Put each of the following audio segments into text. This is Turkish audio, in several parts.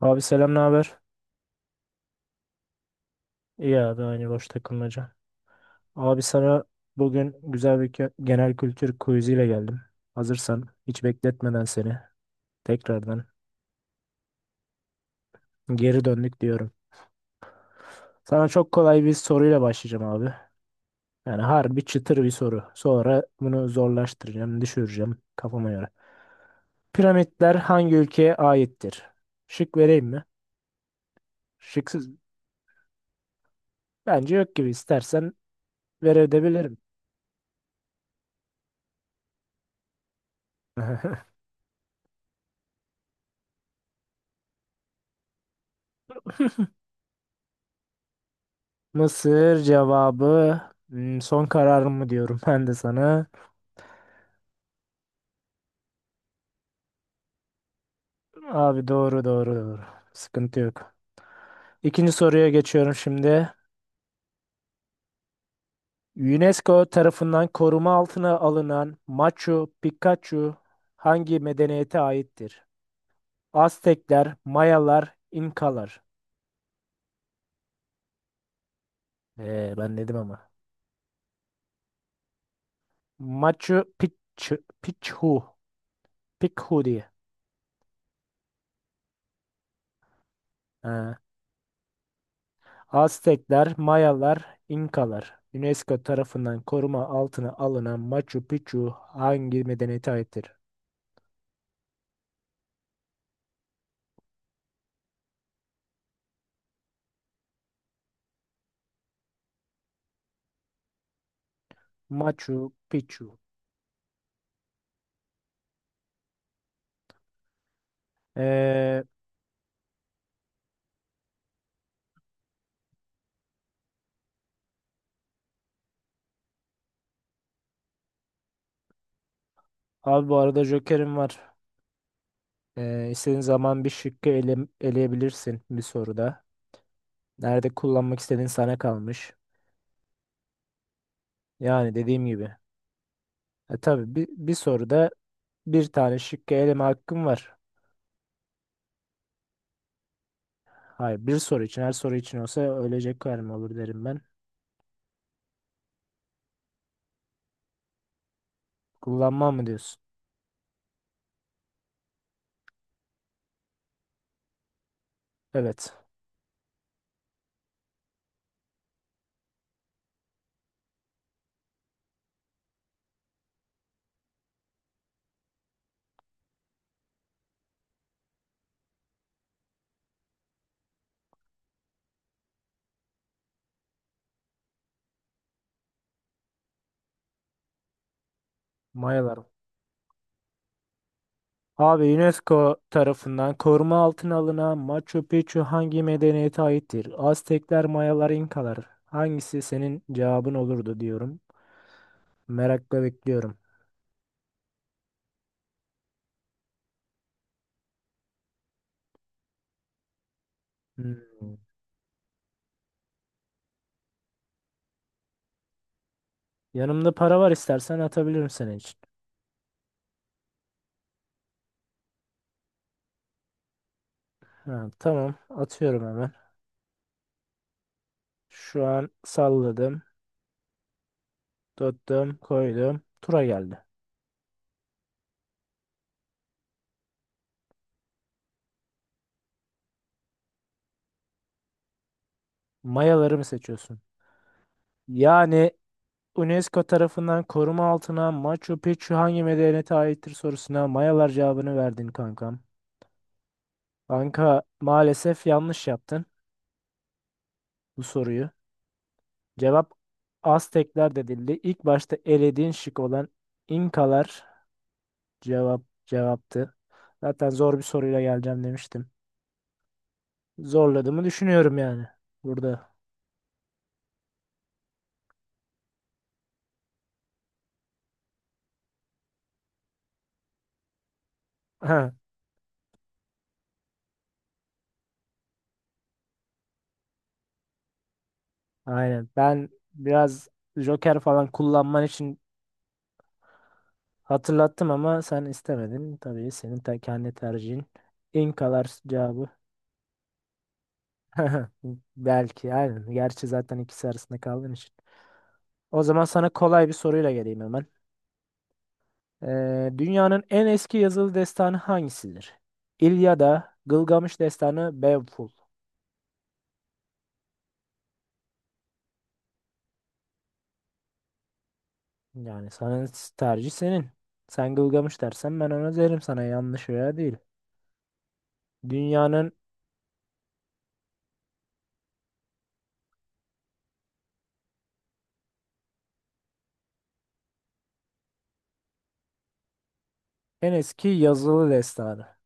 Abi selam, ne haber? İyi abi aynı boş takılmaca. Abi sana bugün güzel bir genel kültür quiz'iyle geldim. Hazırsan hiç bekletmeden seni tekrardan geri döndük diyorum. Sana çok kolay bir soruyla başlayacağım abi. Yani harbi çıtır bir soru. Sonra bunu zorlaştıracağım, düşüreceğim kafama göre. Piramitler hangi ülkeye aittir? Şık vereyim mi? Şıksız bence yok gibi, istersen verebilirim. Mısır cevabı hmm, son kararım mı diyorum ben de sana. Abi doğru. Sıkıntı yok. İkinci soruya geçiyorum şimdi. UNESCO tarafından koruma altına alınan Machu Picchu hangi medeniyete aittir? Aztekler, Mayalar, İnkalar. Ben dedim ama. Machu Picchu, Picchu, Picchu diye. Aztekler, Mayalar, İnkalar. UNESCO tarafından koruma altına alınan Machu Picchu hangi medeniyete aittir? Machu Picchu. Ee, abi bu arada Joker'im var. İstediğin zaman bir şıkkı eleyebilirsin bir soruda. Nerede kullanmak istediğin sana kalmış. Yani dediğim gibi. E, tabii bir soruda bir tane şıkkı eleme hakkım var. Hayır, bir soru için. Her soru için olsa ölecek kadar mı olur derim ben. Kullanmam mı diyorsun? Evet. Mayalar. Abi UNESCO tarafından koruma altına alınan Machu Picchu hangi medeniyete aittir? Aztekler, Mayalar, İnkalar. Hangisi senin cevabın olurdu diyorum. Merakla bekliyorum. Hmm. Yanımda para var, istersen atabilirim senin için. Ha, tamam atıyorum hemen. Şu an salladım, tuttum, koydum. Tura geldi. Mayaları mı seçiyorsun? Yani UNESCO tarafından koruma altına Machu Picchu hangi medeniyete aittir sorusuna Mayalar cevabını verdin kankam. Kanka maalesef yanlış yaptın bu soruyu. Cevap Aztekler dedildi. İlk başta elediğin şık olan İnkalar cevaptı. Zaten zor bir soruyla geleceğim demiştim. Zorladığımı düşünüyorum yani burada. Aynen. Ben biraz Joker falan kullanman için hatırlattım ama sen istemedin. Tabii senin kendi tercihin. İnkalar cevabı. Belki aynen. Gerçi zaten ikisi arasında kaldığın için. O zaman sana kolay bir soruyla geleyim hemen. Dünyanın en eski yazılı destanı hangisidir? İlyada, Gılgamış destanı, Beowulf. Yani sana tercih senin. Sen Gılgamış dersen ben ona derim sana yanlış veya değil. Dünyanın en eski yazılı destanı.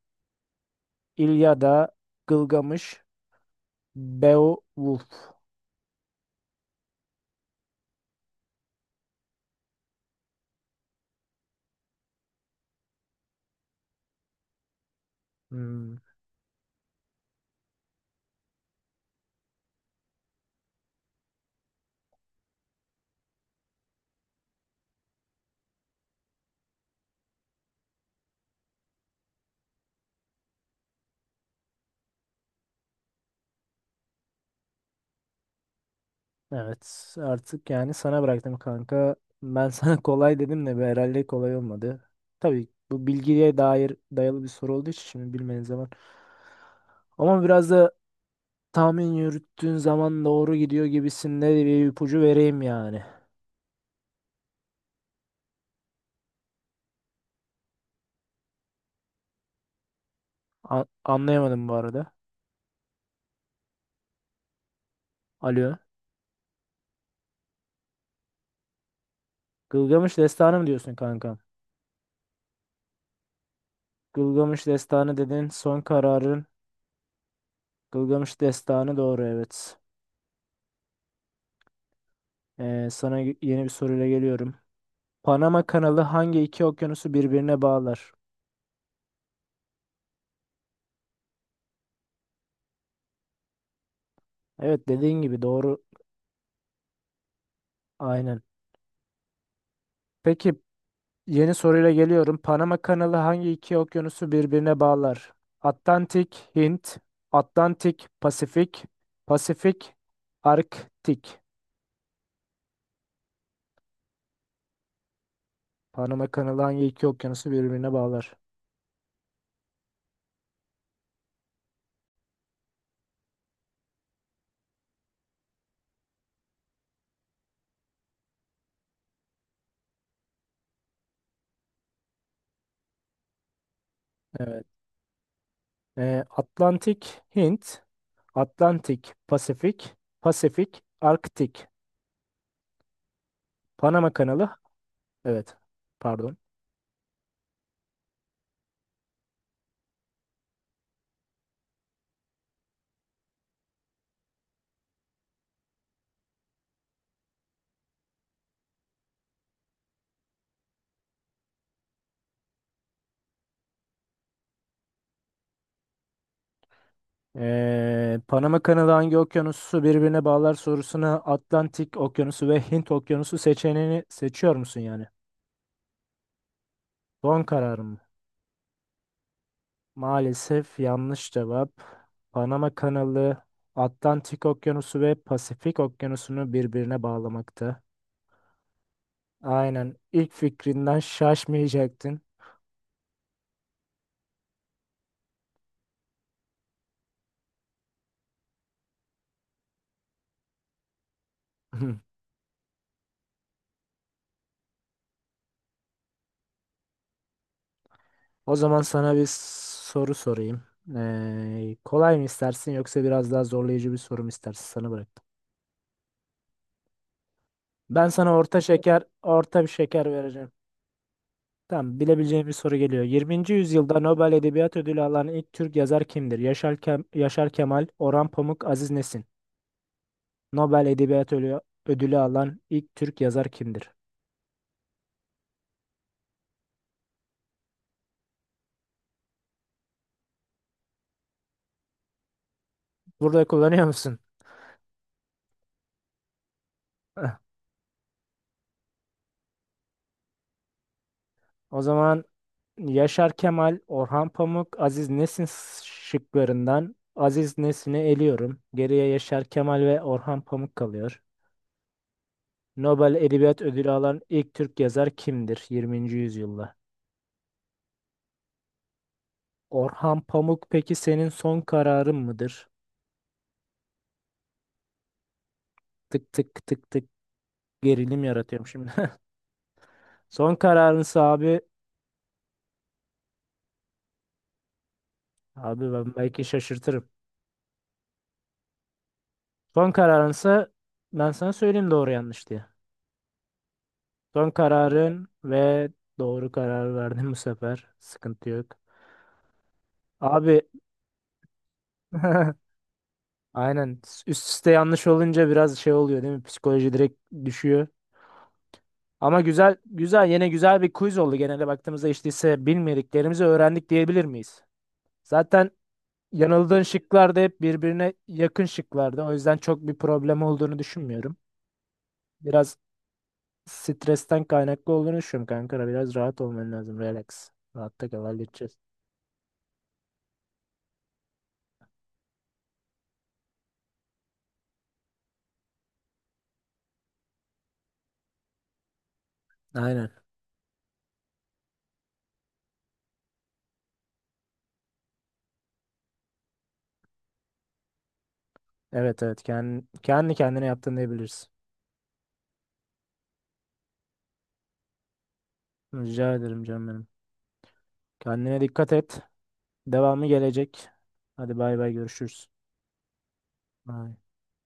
İlyada, Gılgamış, Beowulf. Hmm, evet artık yani sana bıraktım kanka. Ben sana kolay dedim de be, herhalde kolay olmadı. Tabii bu bilgiye dair dayalı bir soru olduğu için şimdi bilmeniz zaman. Ama biraz da tahmin yürüttüğün zaman doğru gidiyor gibisinde bir ipucu vereyim yani. Anlayamadım bu arada. Alo. Gılgamış Destanı mı diyorsun kanka? Gılgamış Destanı dedin. Son kararın Gılgamış Destanı doğru evet. Sana yeni bir soruyla geliyorum. Panama Kanalı hangi iki okyanusu birbirine bağlar? Evet dediğin gibi doğru. Aynen. Peki yeni soruyla geliyorum. Panama Kanalı hangi iki okyanusu birbirine bağlar? Atlantik, Hint, Atlantik, Pasifik, Pasifik, Arktik. Panama Kanalı hangi iki okyanusu birbirine bağlar? Evet. Atlantik, Hint, Atlantik, Pasifik, Pasifik, Arktik. Panama Kanalı. Evet. Pardon. Panama kanalı hangi okyanusu birbirine bağlar sorusuna Atlantik Okyanusu ve Hint Okyanusu seçeneğini seçiyor musun yani? Son kararım. Maalesef yanlış cevap. Panama kanalı Atlantik Okyanusu ve Pasifik Okyanusu'nu birbirine bağlamakta. Aynen ilk fikrinden şaşmayacaktın. O zaman sana bir soru sorayım. Kolay mı istersin yoksa biraz daha zorlayıcı bir soru mu istersin? Sana bıraktım. Ben sana orta şeker, orta bir şeker vereceğim. Tamam, bilebileceğim bir soru geliyor. 20. yüzyılda Nobel Edebiyat Ödülü alan ilk Türk yazar kimdir? Yaşar Kemal, Orhan Pamuk, Aziz Nesin. Nobel Edebiyat Ölü- Ödülü alan ilk Türk yazar kimdir? Burada kullanıyor musun? Eh, o zaman Yaşar Kemal, Orhan Pamuk, Aziz Nesin şıklarından Aziz Nesin'i eliyorum. Geriye Yaşar Kemal ve Orhan Pamuk kalıyor. Nobel Edebiyat Ödülü alan ilk Türk yazar kimdir 20. yüzyılda? Orhan Pamuk peki senin son kararın mıdır? Tık tık tık tık gerilim yaratıyorum şimdi. Son kararınsa abi, abi ben belki şaşırtırım. Son kararınsa ben sana söyleyeyim doğru yanlış diye. Son kararın ve doğru kararı verdim bu sefer. Sıkıntı yok. Abi aynen, üst üste yanlış olunca biraz şey oluyor değil mi? Psikoloji direkt düşüyor. Ama güzel, güzel yine güzel bir quiz oldu. Genelde baktığımızda işte ise bilmediklerimizi öğrendik diyebilir miyiz? Zaten yanıldığın şıklar da hep birbirine yakın şıklardı. O yüzden çok bir problem olduğunu düşünmüyorum. Biraz stresten kaynaklı olduğunu düşünüyorum kanka. Biraz rahat olman lazım. Relax. Rahatta kal halledeceğiz. Aynen. Evet. Kendi kendine yaptın diyebiliriz. Rica ederim canım benim. Kendine dikkat et. Devamı gelecek. Hadi bay bay görüşürüz. Bye.